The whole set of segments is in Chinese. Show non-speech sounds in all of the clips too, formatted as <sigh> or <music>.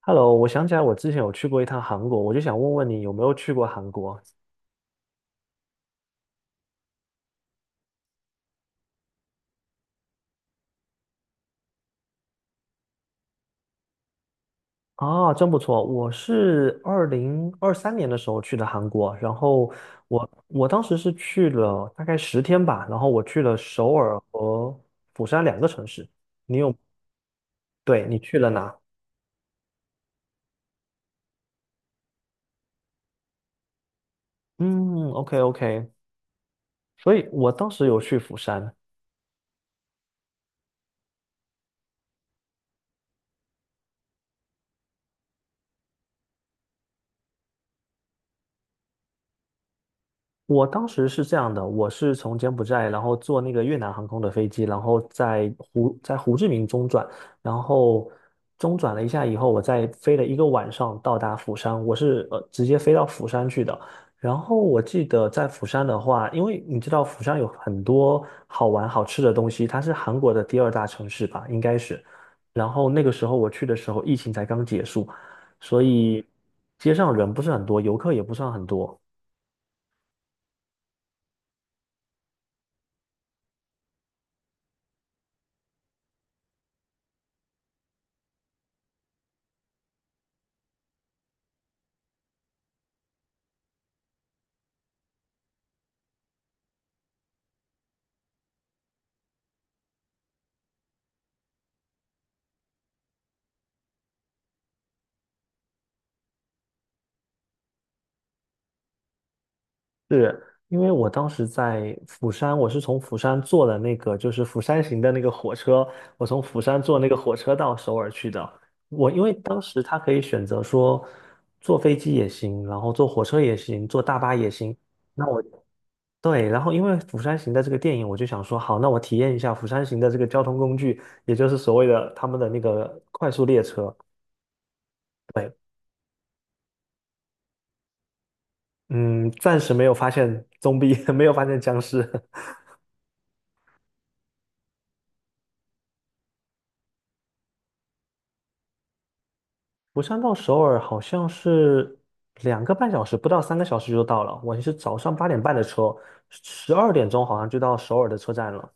Hello，我想起来我之前有去过一趟韩国，我就想问问你有没有去过韩国啊？真不错，我是2023年的时候去的韩国，然后我当时是去了大概10天吧，然后我去了首尔和釜山两个城市。你有，对，你去了哪？嗯，OK OK，所以我当时有去釜山，我当时是这样的，我是从柬埔寨，然后坐那个越南航空的飞机，然后在胡志明中转，然后中转了一下以后，我再飞了一个晚上到达釜山，我是直接飞到釜山去的。然后我记得在釜山的话，因为你知道釜山有很多好玩好吃的东西，它是韩国的第二大城市吧，应该是。然后那个时候我去的时候，疫情才刚结束，所以街上人不是很多，游客也不算很多。是，因为我当时在釜山，我是从釜山坐的那个就是釜山行的那个火车，我从釜山坐那个火车到首尔去的。我因为当时他可以选择说坐飞机也行，然后坐火车也行，坐大巴也行。那我对，然后因为釜山行的这个电影，我就想说，好，那我体验一下釜山行的这个交通工具，也就是所谓的他们的那个快速列车。对，嗯，暂时没有发现 <laughs> 没有发现僵尸。釜山到首尔好像是2个半小时，不到3个小时就到了。我是早上8点半的车，12点钟好像就到首尔的车站了。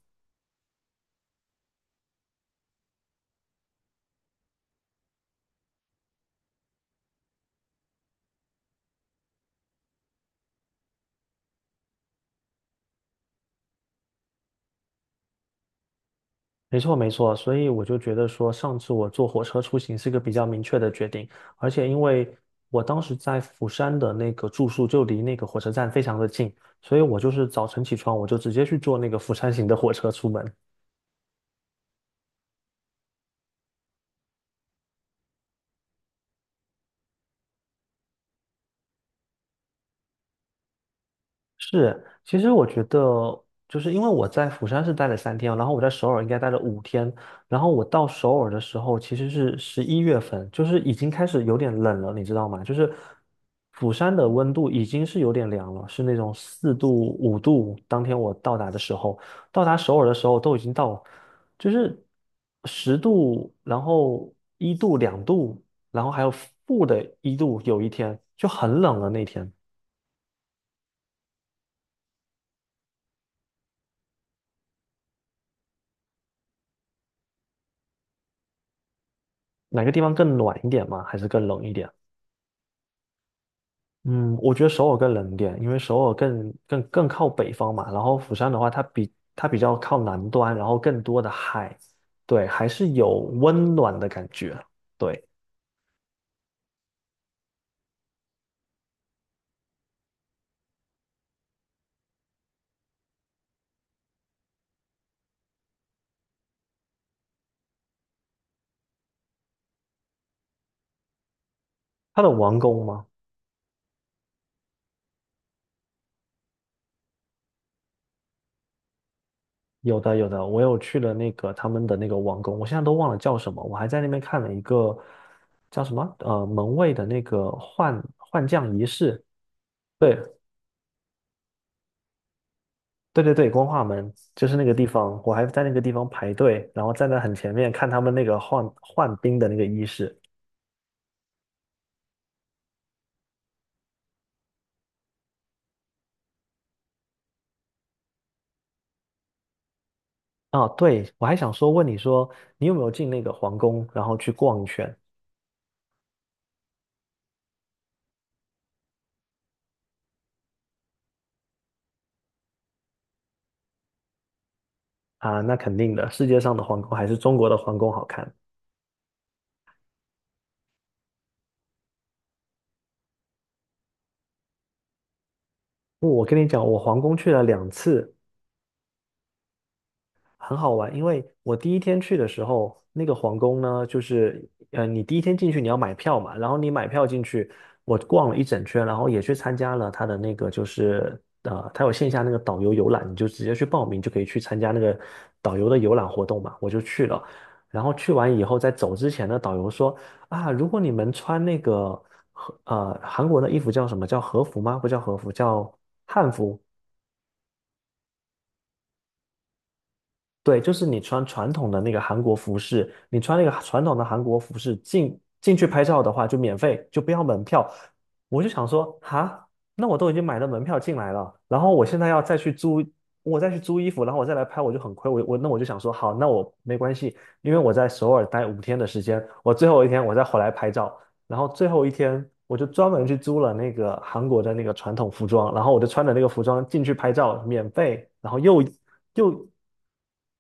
没错，没错。所以我就觉得说，上次我坐火车出行是个比较明确的决定，而且因为我当时在釜山的那个住宿就离那个火车站非常的近，所以我就是早晨起床，我就直接去坐那个釜山行的火车出门。是，其实我觉得，就是因为我在釜山是待了3天，然后我在首尔应该待了五天，然后我到首尔的时候其实是11月份，就是已经开始有点冷了，你知道吗？就是釜山的温度已经是有点凉了，是那种4度5度。当天我到达的时候，到达首尔的时候都已经到，就是10度，然后一度2度，然后还有-1度，有一天就很冷了那天。哪个地方更暖一点吗？还是更冷一点？嗯，我觉得首尔更冷一点，因为首尔更靠北方嘛。然后釜山的话，它比较靠南端，然后更多的海，对，还是有温暖的感觉。对，它的王宫吗？有的有的，我有去了那个他们的那个王宫，我现在都忘了叫什么，我还在那边看了一个叫什么门卫的那个换将仪式。对，对对对，光化门就是那个地方，我还在那个地方排队，然后站在很前面看他们那个换兵的那个仪式。啊，对，我还想说问你说，你有没有进那个皇宫，然后去逛一圈啊？那肯定的，世界上的皇宫还是中国的皇宫好看。我跟你讲，我皇宫去了2次，很好玩，因为我第一天去的时候，那个皇宫呢，就是你第一天进去你要买票嘛，然后你买票进去，我逛了一整圈，然后也去参加了他的那个就是他有线下那个导游游览，你就直接去报名就可以去参加那个导游的游览活动嘛，我就去了。然后去完以后，在走之前呢，导游说啊，如果你们穿那个和韩国的衣服叫什么叫和服吗？不叫和服，叫汉服。对，就是你穿传统的那个韩国服饰，你穿那个传统的韩国服饰进去拍照的话，就免费，就不要门票。我就想说，哈，那我都已经买了门票进来了，然后我现在要再去租，我再去租衣服，然后我再来拍，我就很亏。那我就想说，好，那我没关系，因为我在首尔待五天的时间，我最后一天我再回来拍照，然后最后一天我就专门去租了那个韩国的那个传统服装，然后我就穿着那个服装进去拍照，免费，然后又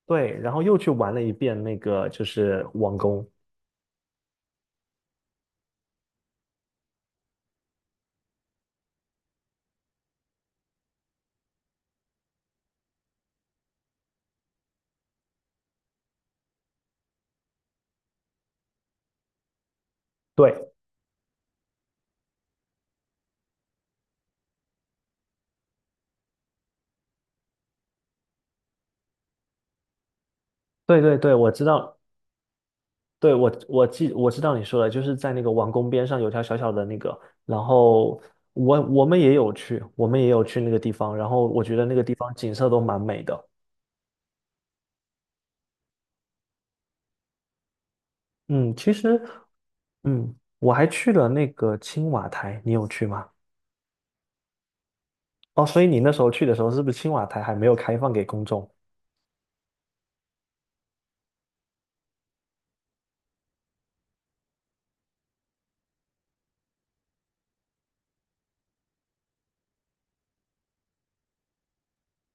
对，然后又去玩了一遍那个就是王宫，对对对对，我知道，对，我知道你说的，就是在那个王宫边上有条小小的那个，然后我们也有去，我们也有去那个地方，然后我觉得那个地方景色都蛮美的。嗯，其实嗯，我还去了那个青瓦台，你有去吗？哦，所以你那时候去的时候，是不是青瓦台还没有开放给公众？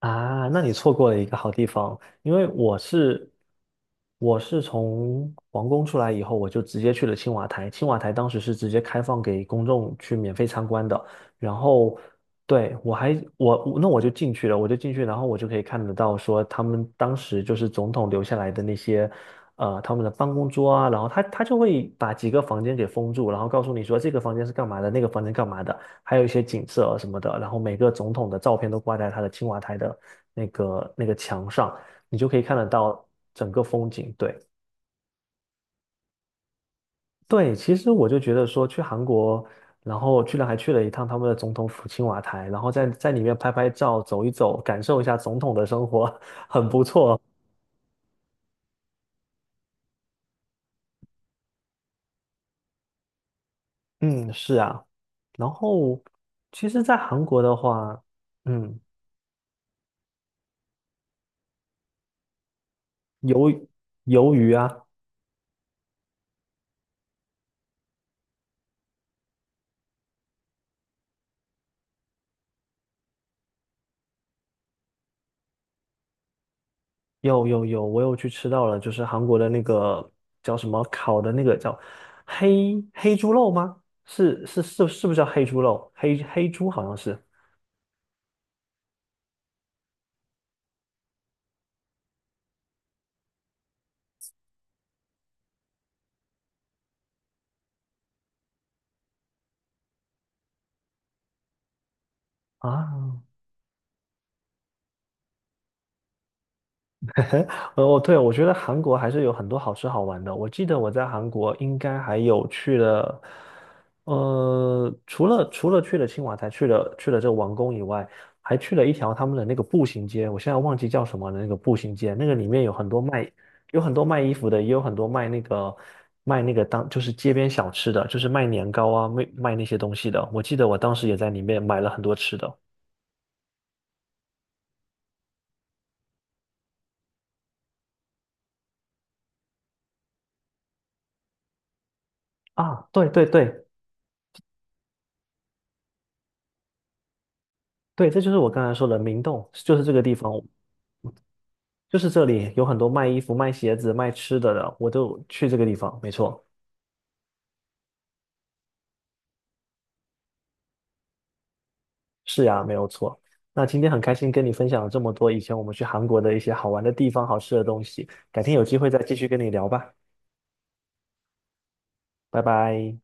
啊，那你错过了一个好地方，因为我是从皇宫出来以后，我就直接去了青瓦台。青瓦台当时是直接开放给公众去免费参观的，然后对，我就进去了，我就进去，然后我就可以看得到说他们当时就是总统留下来的那些他们的办公桌啊，然后他就会把几个房间给封住，然后告诉你说这个房间是干嘛的，那个房间干嘛的。还有一些景色啊什么的，然后每个总统的照片都挂在他的青瓦台的那个墙上，你就可以看得到整个风景。对对，其实我就觉得说去韩国，然后居然还去了一趟他们的总统府青瓦台，然后在里面拍拍照、走一走，感受一下总统的生活，<laughs> 很不错。嗯，是啊。然后，其实，在韩国的话，嗯，鱿鱿鱼啊，有有有，我有去吃到了，就是韩国的那个叫什么烤的那个叫黑猪肉吗？是是是，是不是叫黑猪肉？黑猪好像是啊，哦，对，我觉得韩国还是有很多好吃好玩的。我记得我在韩国应该还有去了，除了去了青瓦台，去了这个王宫以外，还去了一条他们的那个步行街，我现在忘记叫什么了，那个步行街，那个里面有很多卖衣服的，也有很多卖那个就是街边小吃的，就是卖年糕啊，卖那些东西的。我记得我当时也在里面买了很多吃的。啊，对对对对，这就是我刚才说的明洞，就是这个地方。就是这里有很多卖衣服、卖鞋子、卖吃的的，我都去这个地方。没错，是呀，没有错。那今天很开心跟你分享了这么多以前我们去韩国的一些好玩的地方、好吃的东西，改天有机会再继续跟你聊吧，拜拜。